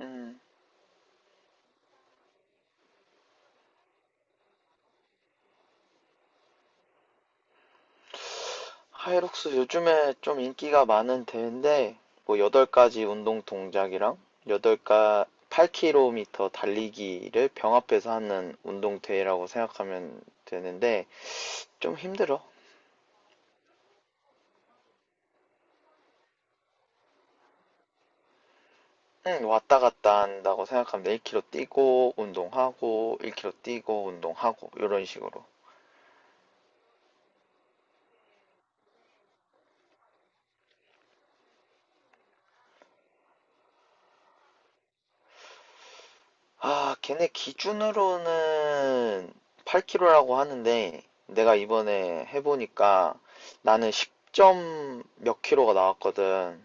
음, 하이록스 요즘에 좀 인기가 많은 대회인데, 뭐, 8가지 운동 동작이랑 8가 로 k m 달리기를 병합해서 하는 운동 대회라고 생각하면 되는데, 좀 힘들어. 응, 왔다 갔다 한다고 생각하면 돼. 1km 뛰고, 운동하고, 1km 뛰고, 운동하고, 이런 식으로. 아, 걔네 기준으로는 8kg라고 하는데, 내가 이번에 해보니까 나는 10점 몇 킬로가 나왔거든.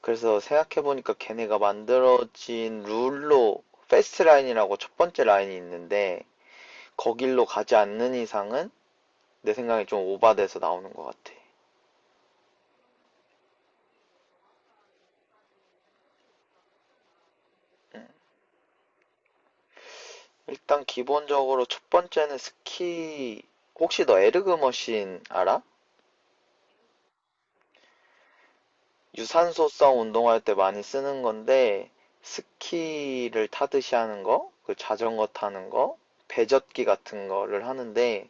그래서 생각해보니까 걔네가 만들어진 룰로, 패스트 라인이라고 첫 번째 라인이 있는데, 거길로 가지 않는 이상은 내 생각에 좀 오바돼서 나오는 것 같아. 일단 기본적으로 첫 번째는 스키, 혹시 너 에르그 머신 알아? 유산소성 운동할 때 많이 쓰는 건데 스키를 타듯이 하는 거, 그 자전거 타는 거, 배젓기 같은 거를 하는데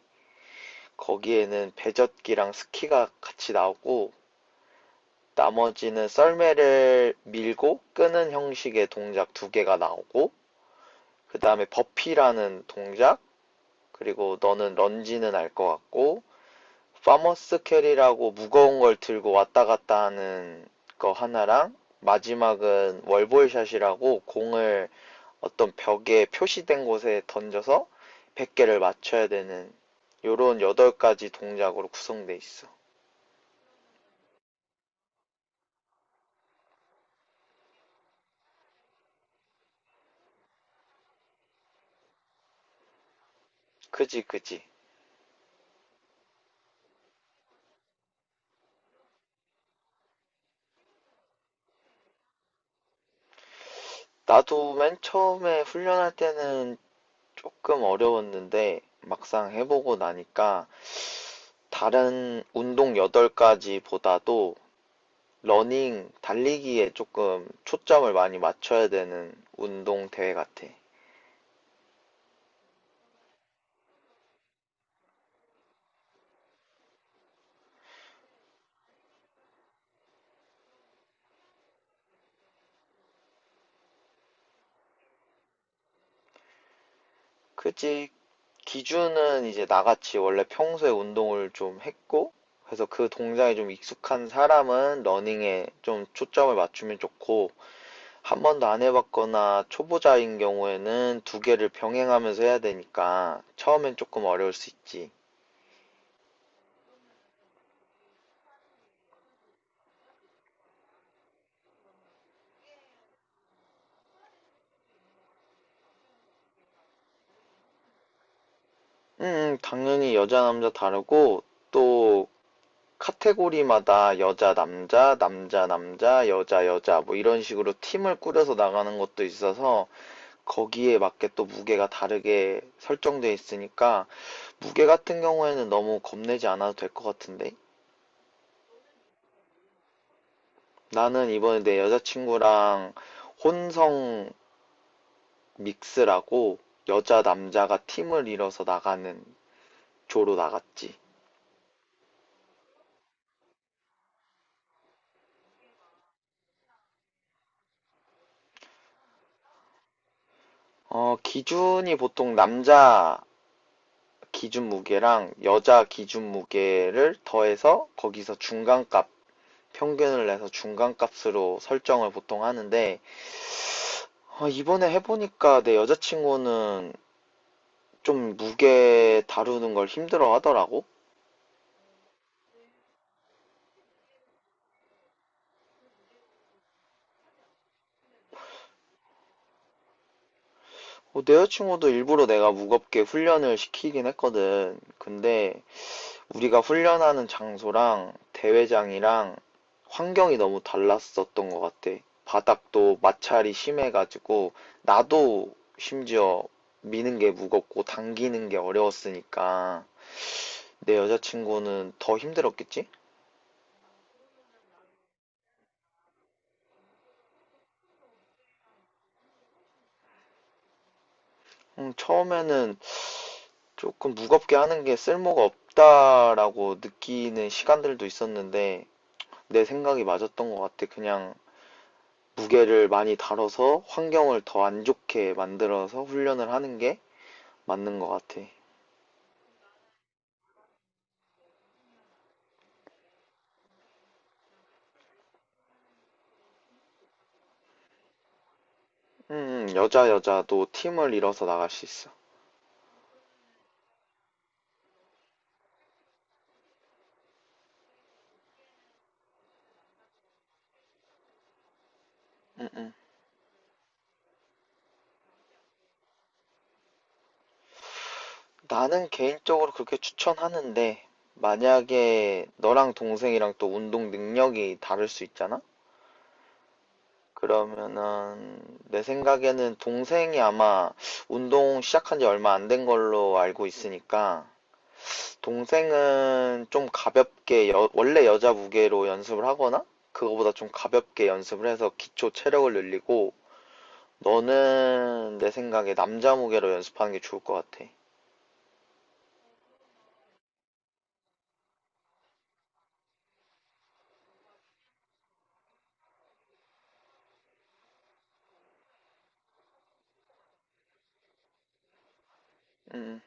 거기에는 배젓기랑 스키가 같이 나오고 나머지는 썰매를 밀고 끄는 형식의 동작 두 개가 나오고 그 다음에 버피라는 동작 그리고 너는 런지는 알 것 같고 파머스 캐리라고 무거운 걸 들고 왔다 갔다 하는 거 하나랑 마지막은 월볼샷이라고 공을 어떤 벽에 표시된 곳에 던져서 100개를 맞춰야 되는 요런 8가지 동작으로 구성돼 있어. 그지, 그지. 나도 맨 처음에 훈련할 때는 조금 어려웠는데 막상 해보고 나니까 다른 운동 8가지보다도 러닝, 달리기에 조금 초점을 많이 맞춰야 되는 운동 대회 같아. 그치? 기준은 이제 나같이 원래 평소에 운동을 좀 했고, 그래서 그 동작이 좀 익숙한 사람은 러닝에 좀 초점을 맞추면 좋고, 한 번도 안 해봤거나 초보자인 경우에는 두 개를 병행하면서 해야 되니까 처음엔 조금 어려울 수 있지. 당연히 여자 남자 다르고 또 카테고리마다 여자, 남자, 남자, 남자, 여자, 여자 뭐 이런 식으로 팀을 꾸려서 나가는 것도 있어서 거기에 맞게 또 무게가 다르게 설정돼 있으니까 무게 같은 경우에는 너무 겁내지 않아도 될 것 같은데 나는 이번에 내 여자친구랑 혼성 믹스라고 여자, 남자가 팀을 이뤄서 나가는 조로 나갔지. 어, 기준이 보통 남자 기준 무게랑 여자 기준 무게를 더해서 거기서 중간값, 평균을 내서 중간값으로 설정을 보통 하는데, 아, 이번에 해보니까 내 여자친구는 좀 무게 다루는 걸 힘들어 하더라고. 어, 내 여자친구도 일부러 내가 무겁게 훈련을 시키긴 했거든. 근데 우리가 훈련하는 장소랑 대회장이랑 환경이 너무 달랐었던 것 같아. 바닥도 마찰이 심해가지고, 나도 심지어 미는 게 무겁고 당기는 게 어려웠으니까, 내 여자친구는 더 힘들었겠지? 처음에는 조금 무겁게 하는 게 쓸모가 없다라고 느끼는 시간들도 있었는데, 내 생각이 맞았던 것 같아. 그냥 무게를 많이 다뤄서 환경을 더 안 좋게 만들어서 훈련을 하는 게 맞는 것 같아. 여자 여자도 팀을 이뤄서 나갈 수 있어. 음, 음. 나는 개인적으로 그렇게 추천하는데 만약에 너랑 동생이랑 또 운동 능력이 다를 수 있잖아? 그러면은 내 생각에는 동생이 아마 운동 시작한 지 얼마 안 된 걸로 알고 있으니까 동생은 좀 가볍게 원래 여자 무게로 연습을 하거나 그거보다 좀 가볍게 연습을 해서 기초 체력을 늘리고 너는 내 생각에 남자 무게로 연습하는 게 좋을 것 같아. 음,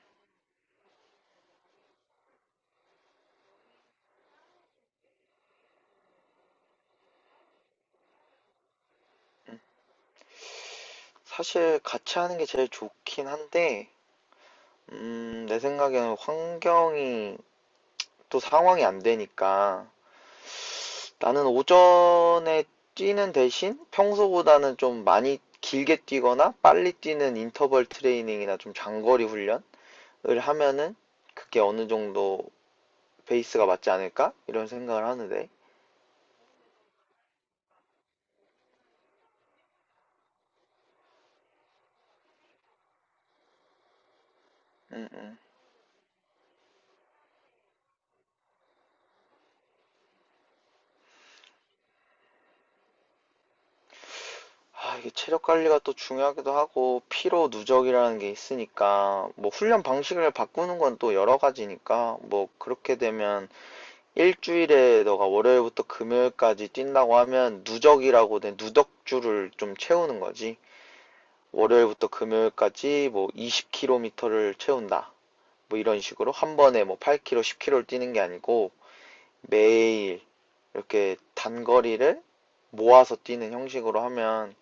사실 같이 하는 게 제일 좋긴 한데, 내 생각에는 환경이 또 상황이 안 되니까 나는 오전에 뛰는 대신 평소보다는 좀 많이 길게 뛰거나 빨리 뛰는 인터벌 트레이닝이나 좀 장거리 훈련을 하면은 그게 어느 정도 베이스가 맞지 않을까? 이런 생각을 하는데. 음, 음. 아, 이게 체력 관리가 또 중요하기도 하고, 피로 누적이라는 게 있으니까, 뭐, 훈련 방식을 바꾸는 건 또 여러 가지니까, 뭐, 그렇게 되면, 일주일에 너가 월요일부터 금요일까지 뛴다고 하면, 누적이라고 된 누적주를 좀 채우는 거지. 월요일부터 금요일까지 뭐, 20km를 채운다. 뭐, 이런 식으로. 한 번에 뭐, 8km, 10km를 뛰는 게 아니고, 매일, 이렇게 단거리를 모아서 뛰는 형식으로 하면,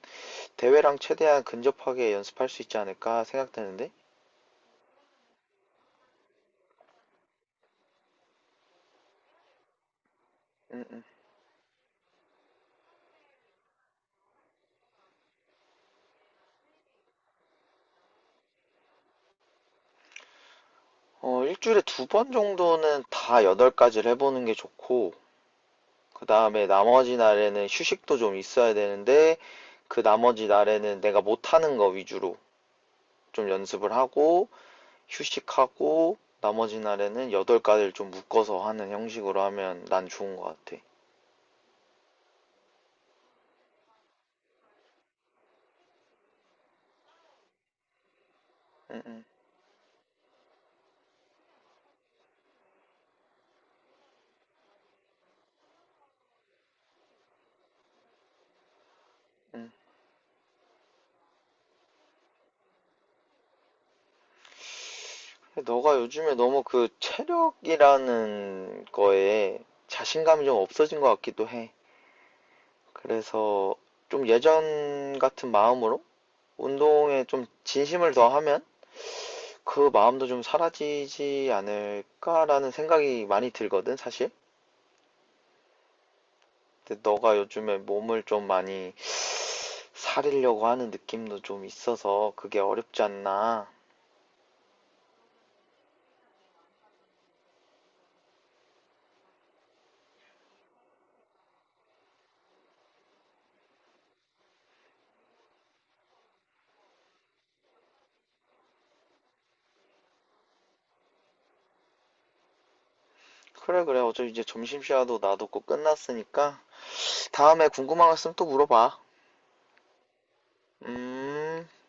대회랑 최대한 근접하게 연습할 수 있지 않을까 생각되는데, 음, 음. 어, 일주일에 두 번 정도는 다 8가지를 해보는 게 좋고, 그 다음에 나머지 날에는 휴식도 좀 있어야 되는데, 그 나머지 날에는 내가 못하는 거 위주로 좀 연습을 하고, 휴식하고, 나머지 날에는 8가지를 좀 묶어서 하는 형식으로 하면 난 좋은 것 같아. 응응. 응. 응. 너가 요즘에 너무 그 체력이라는 거에 자신감이 좀 없어진 것 같기도 해. 그래서 좀 예전 같은 마음으로 운동에 좀 진심을 더하면 그 마음도 좀 사라지지 않을까라는 생각이 많이 들거든, 사실. 근데 너가 요즘에 몸을 좀 많이 사리려고 하는 느낌도 좀 있어서 그게 어렵지 않나. 그래, 그래. 어차피 이제 점심시간도 나도 꼭 끝났으니까 다음에 궁금한 거 있으면 또 물어봐. 음.